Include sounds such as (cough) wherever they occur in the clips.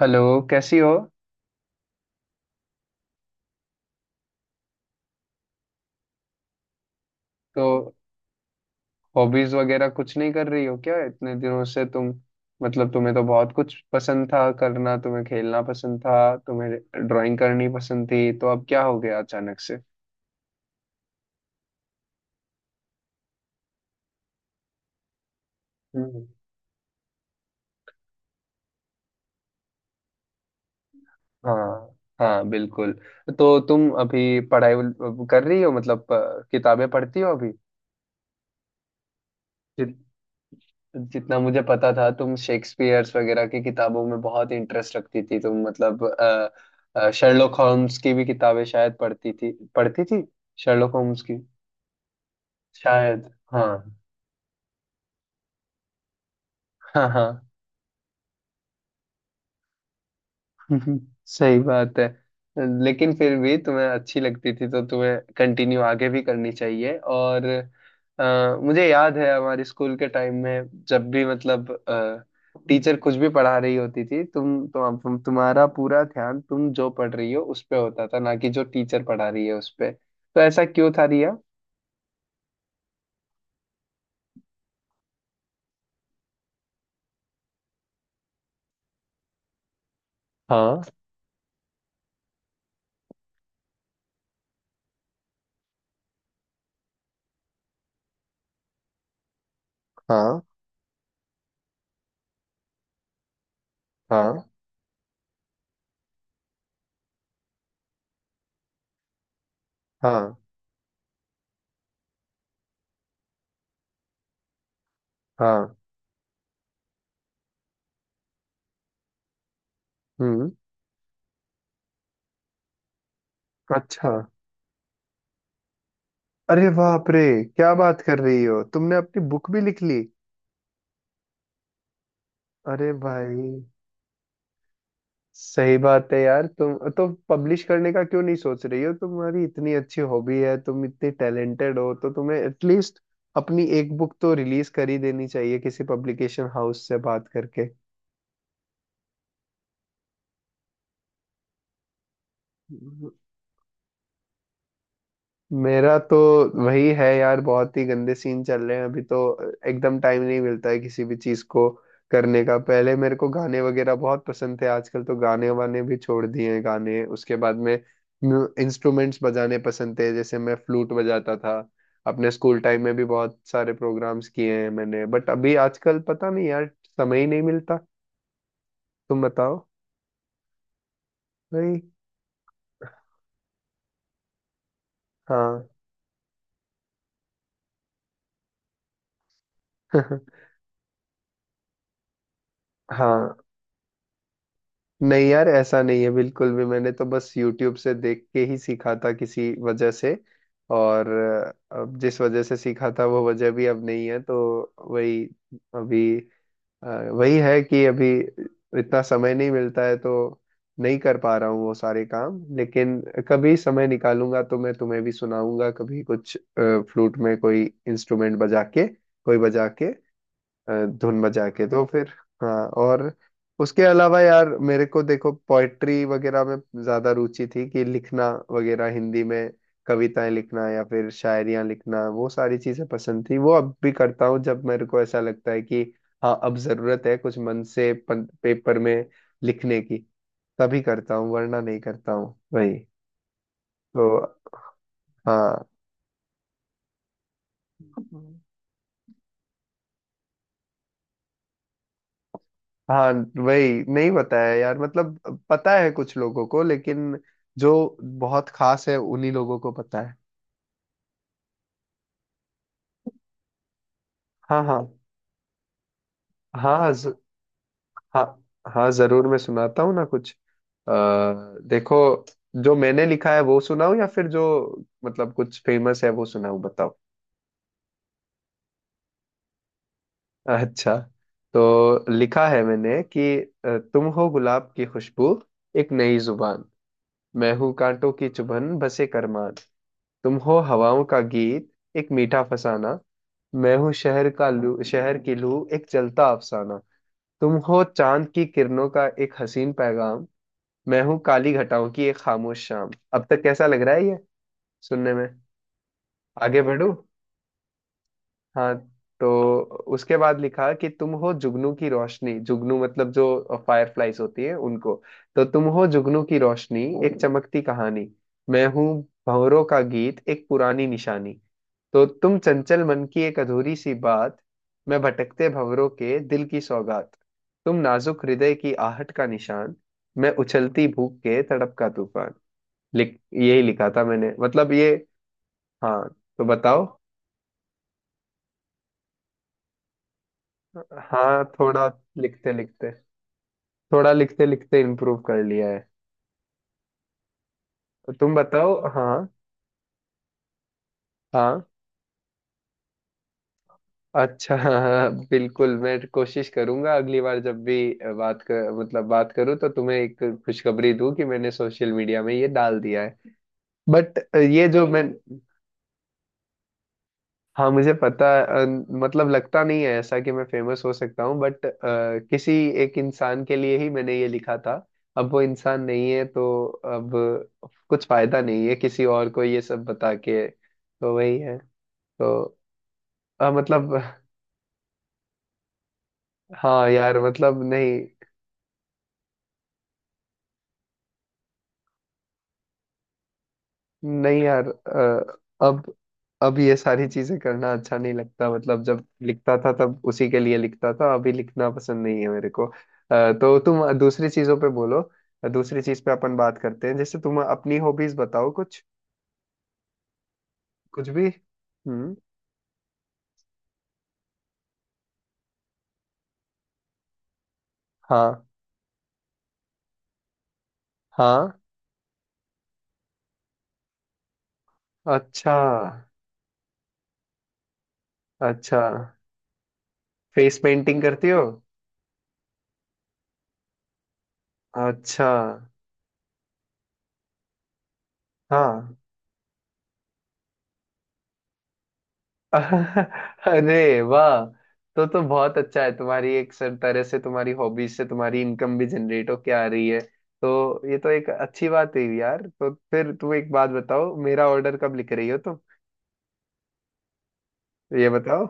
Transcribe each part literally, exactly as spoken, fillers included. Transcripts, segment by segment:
Hello. कैसी हो? तो हॉबीज वगैरह कुछ नहीं कर रही हो क्या इतने दिनों से तुम? मतलब तुम्हें तो बहुत कुछ पसंद था करना, तुम्हें खेलना पसंद था, तुम्हें ड्राइंग करनी पसंद थी, तो अब क्या हो गया अचानक से? हम्म। हाँ, हाँ बिल्कुल। तो तुम अभी पढ़ाई वल- कर रही हो, मतलब अ, किताबें पढ़ती हो अभी? जितना मुझे पता था तुम शेक्सपियर्स वगैरह की किताबों में बहुत इंटरेस्ट रखती थी, तुम मतलब अ, शर्लॉक होम्स की भी किताबें शायद पढ़ती थी पढ़ती थी, शर्लॉक होम्स की, शायद। हाँ हाँ, हाँ हम्म। सही बात है। लेकिन फिर भी तुम्हें अच्छी लगती थी तो तुम्हें कंटिन्यू आगे भी करनी चाहिए। और अ, मुझे याद है हमारे स्कूल के टाइम में जब भी, मतलब टीचर कुछ भी पढ़ा रही होती थी, तुम तुम तुम- तुम्हारा पूरा ध्यान तुम जो पढ़ रही हो उस पे होता था ना कि जो टीचर पढ़ा रही है उस पे। तो ऐसा क्यों था रिया? हाँ, हाँ, हाँ, हाँ, हाँ, हम्म। अच्छा, अरे बाप रे क्या बात कर रही हो, तुमने अपनी बुक भी लिख ली? अरे भाई, सही बात है यार, तुम तो पब्लिश करने का क्यों नहीं सोच रही हो? तुम्हारी इतनी अच्छी हॉबी है, तुम इतनी टैलेंटेड हो तो तुम्हें एटलीस्ट अपनी एक बुक तो रिलीज कर ही देनी चाहिए किसी पब्लिकेशन हाउस से बात करके। मेरा तो वही है यार, बहुत ही गंदे सीन चल रहे हैं अभी तो। एकदम टाइम नहीं मिलता है किसी भी चीज को करने का। पहले मेरे को गाने वगैरह बहुत पसंद थे, आजकल तो गाने वाने भी छोड़ दिए हैं गाने। उसके बाद में इंस्ट्रूमेंट्स बजाने पसंद थे, जैसे मैं फ्लूट बजाता था अपने स्कूल टाइम में भी, बहुत सारे प्रोग्राम्स किए हैं मैंने। बट अभी आजकल पता नहीं यार, समय ही नहीं मिलता। तुम बताओ भाई। हाँ। (laughs) हाँ। नहीं यार ऐसा नहीं है बिल्कुल भी, मैंने तो बस YouTube से देख के ही सीखा था किसी वजह से। और अ, अब जिस वजह से सीखा था वो वजह भी अब नहीं है, तो वही। अभी अ, वही है कि अभी इतना समय नहीं मिलता है, तो नहीं कर पा रहा हूँ वो सारे काम। लेकिन कभी समय निकालूंगा तो मैं तुम्हें भी सुनाऊंगा कभी कुछ फ्लूट में कोई इंस्ट्रूमेंट बजा के, कोई बजा के अ, धुन बजा के, तो फिर। हाँ। और उसके अलावा यार मेरे को देखो, पोइट्री वगैरह में ज्यादा रुचि थी, कि लिखना वगैरह हिंदी में, कविताएं लिखना या फिर शायरियां लिखना, वो सारी चीजें पसंद थी। वो अब भी करता हूँ जब मेरे को ऐसा लगता है कि हाँ अब जरूरत है कुछ मन से पन, पेपर में लिखने की, तभी करता हूँ वरना नहीं करता हूँ। वही तो। हाँ, हाँ वही। नहीं बताया यार, मतलब पता है कुछ लोगों को, लेकिन जो बहुत खास है उन्हीं लोगों को पता है। हाँ, हाँ, हाँ, हाँ, ज, हाँ, हाँ जरूर मैं सुनाता हूँ ना कुछ। आ, देखो, जो मैंने लिखा है वो सुनाऊँ या फिर जो, मतलब कुछ फेमस है वो सुनाऊँ, बताओ? अच्छा, तो लिखा है मैंने कि अ, तुम हो गुलाब की खुशबू, एक नई जुबान, मैं हूँ कांटों की चुभन बसे करमान। तुम हो हवाओं का गीत, एक मीठा फसाना, मैं हूँ शहर का लू शहर की लू, एक जलता अफसाना। तुम हो चांद की किरणों का एक हसीन पैगाम, मैं हूँ काली घटाओं की एक खामोश शाम। अब तक कैसा लग रहा है ये सुनने में? आगे बढ़ू? हाँ। तो उसके बाद लिखा कि तुम हो जुगनू की रोशनी, जुगनू मतलब जो फायरफ्लाइज होती है उनको, तो तुम हो जुगनू की रोशनी एक चमकती कहानी, मैं हूँ भंवरों का गीत एक पुरानी निशानी, तो तुम चंचल मन की एक अधूरी सी बात, मैं भटकते भंवरों के दिल की सौगात, तुम नाजुक हृदय की आहट का निशान, मैं उछलती भूख के तड़प का तूफान। लिख यही लिखा था मैंने मतलब ये। हाँ। तो बताओ। हाँ थोड़ा, लिखते लिखते थोड़ा लिखते लिखते इम्प्रूव कर लिया है। तो तुम बताओ। हाँ, हाँ। अच्छा। (laughs) हाँ, बिल्कुल मैं कोशिश करूंगा अगली बार जब भी बात कर मतलब बात करूं, तो तुम्हें एक खुशखबरी दूं कि मैंने सोशल मीडिया में ये डाल दिया है। बट ये जो मैं, हाँ मुझे पता अ, मतलब लगता नहीं है ऐसा कि मैं फेमस हो सकता हूँ, बट किसी एक इंसान के लिए ही मैंने ये लिखा था। अब वो इंसान नहीं है तो अब कुछ फायदा नहीं है किसी और को ये सब बता के, तो वही है। तो अ, मतलब हाँ यार मतलब नहीं। नहीं यार अ, अब अब ये सारी चीजें करना अच्छा नहीं लगता, मतलब जब लिखता था तब उसी के लिए लिखता था, अभी लिखना पसंद नहीं है मेरे को। अ, तो तुम दूसरी चीजों पे बोलो। दूसरी चीज पे अपन बात करते हैं, जैसे तुम अपनी हॉबीज बताओ कुछ, कुछ भी। हम्म। हाँ। हाँ। अच्छा। अच्छा। फेस पेंटिंग करती हो? अच्छा। हाँ। (laughs) अरे वाह। तो तो बहुत अच्छा है, तुम्हारी एक सर तरह से तुम्हारी हॉबीज से तुम्हारी इनकम भी जनरेट होके आ रही है, तो ये तो एक अच्छी बात है यार। तो फिर तुम एक बात बताओ, मेरा ऑर्डर कब लिख रही हो तुम? ये बताओ।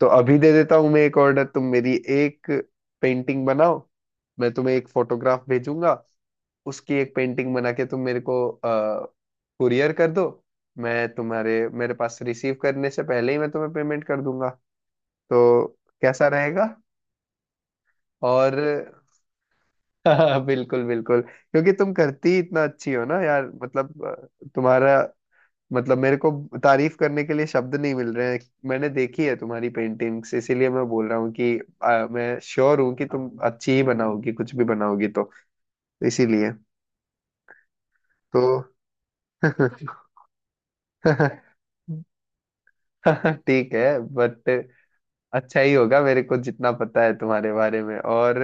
तो अभी दे देता हूँ मैं एक ऑर्डर, तुम मेरी एक पेंटिंग बनाओ, मैं तुम्हें एक फोटोग्राफ भेजूंगा, उसकी एक पेंटिंग बना के तुम मेरे को कुरियर कर दो। मैं तुम्हारे मेरे पास रिसीव करने से पहले ही मैं तुम्हें पेमेंट कर दूंगा, तो कैसा रहेगा? और (laughs) हाँ, बिल्कुल बिल्कुल, क्योंकि तुम करती इतना अच्छी हो ना यार, मतलब अ, तुम्हारा मतलब मेरे को तारीफ करने के लिए शब्द नहीं मिल रहे हैं। मैंने देखी है तुम्हारी पेंटिंग्स, इसीलिए मैं बोल रहा हूँ कि अ, मैं श्योर हूँ कि तुम अच्छी ही बनाओगी, कुछ भी बनाओगी तो इसीलिए। तो (laughs) ठीक है बट अच्छा ही होगा, मेरे को जितना पता है तुम्हारे बारे में। और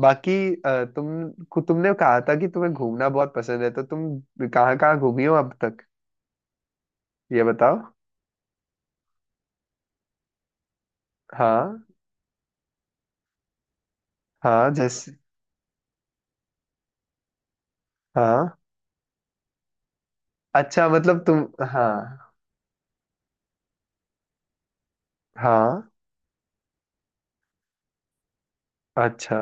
बाकी अ, तुम खु- तुमने कहा था कि तुम्हें घूमना बहुत पसंद है, तो तुम कहाँ कहाँ घूमी हो अब तक? ये बताओ। हाँ, हाँ जैसे। हाँ। अच्छा मतलब तुम, हाँ, हाँ। अच्छा।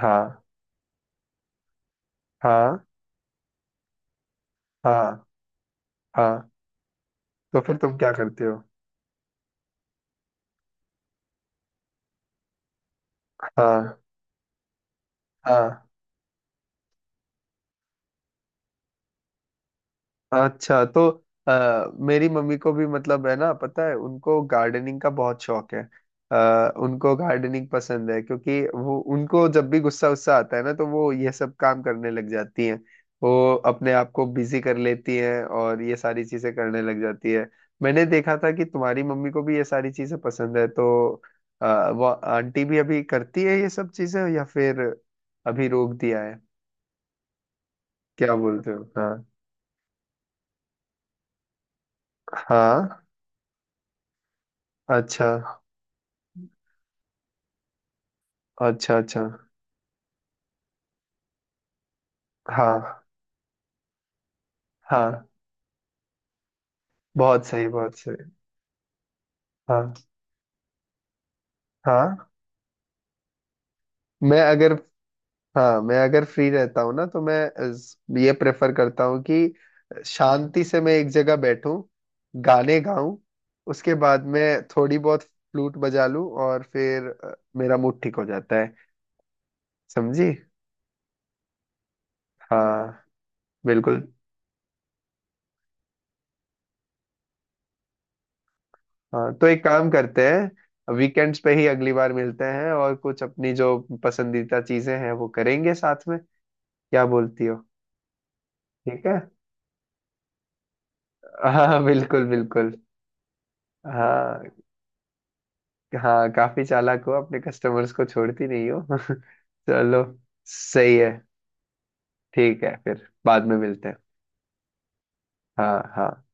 हाँ, हाँ, हाँ, हाँ। तो फिर तुम क्या करते हो? हाँ, हाँ। अच्छा। तो आ, मेरी मम्मी को भी, मतलब है ना, पता है उनको गार्डनिंग का बहुत शौक है। आ, उनको गार्डनिंग पसंद है क्योंकि वो, उनको जब भी गुस्सा उस्सा आता है ना, तो वो ये सब काम करने लग जाती हैं, वो अपने आप को बिजी कर लेती हैं और ये सारी चीजें करने लग जाती है। मैंने देखा था कि तुम्हारी मम्मी को भी ये सारी चीजें पसंद है, तो आ, वो आंटी भी अभी करती है ये सब चीजें या फिर अभी रोक दिया है? क्या बोलते हो। हाँ। हाँ। अच्छा अच्छा। अच्छा। हाँ, हाँ। बहुत सही बहुत सही। हाँ, हाँ। मैं अगर, हाँ मैं अगर फ्री रहता हूँ ना, तो मैं इस- ये प्रेफर करता हूँ कि शांति से मैं एक जगह बैठूं, गाने गाऊं, उसके बाद मैं थोड़ी बहुत फ्लूट बजा लूं और फिर अ, मेरा मूड ठीक हो जाता है। समझी? हाँ बिल्कुल। हाँ तो एक काम करते हैं, वीकेंड्स पे ही अगली बार मिलते हैं और कुछ अपनी जो पसंदीदा चीजें हैं वो करेंगे साथ में। क्या बोलती हो? ठीक है। हाँ बिल्कुल बिल्कुल। हाँ हाँ काफी चालाक हो, अपने कस्टमर्स को छोड़ती नहीं हो। (laughs) चलो, सही है। ठीक है, फिर बाद में मिलते हैं। हाँ हाँ।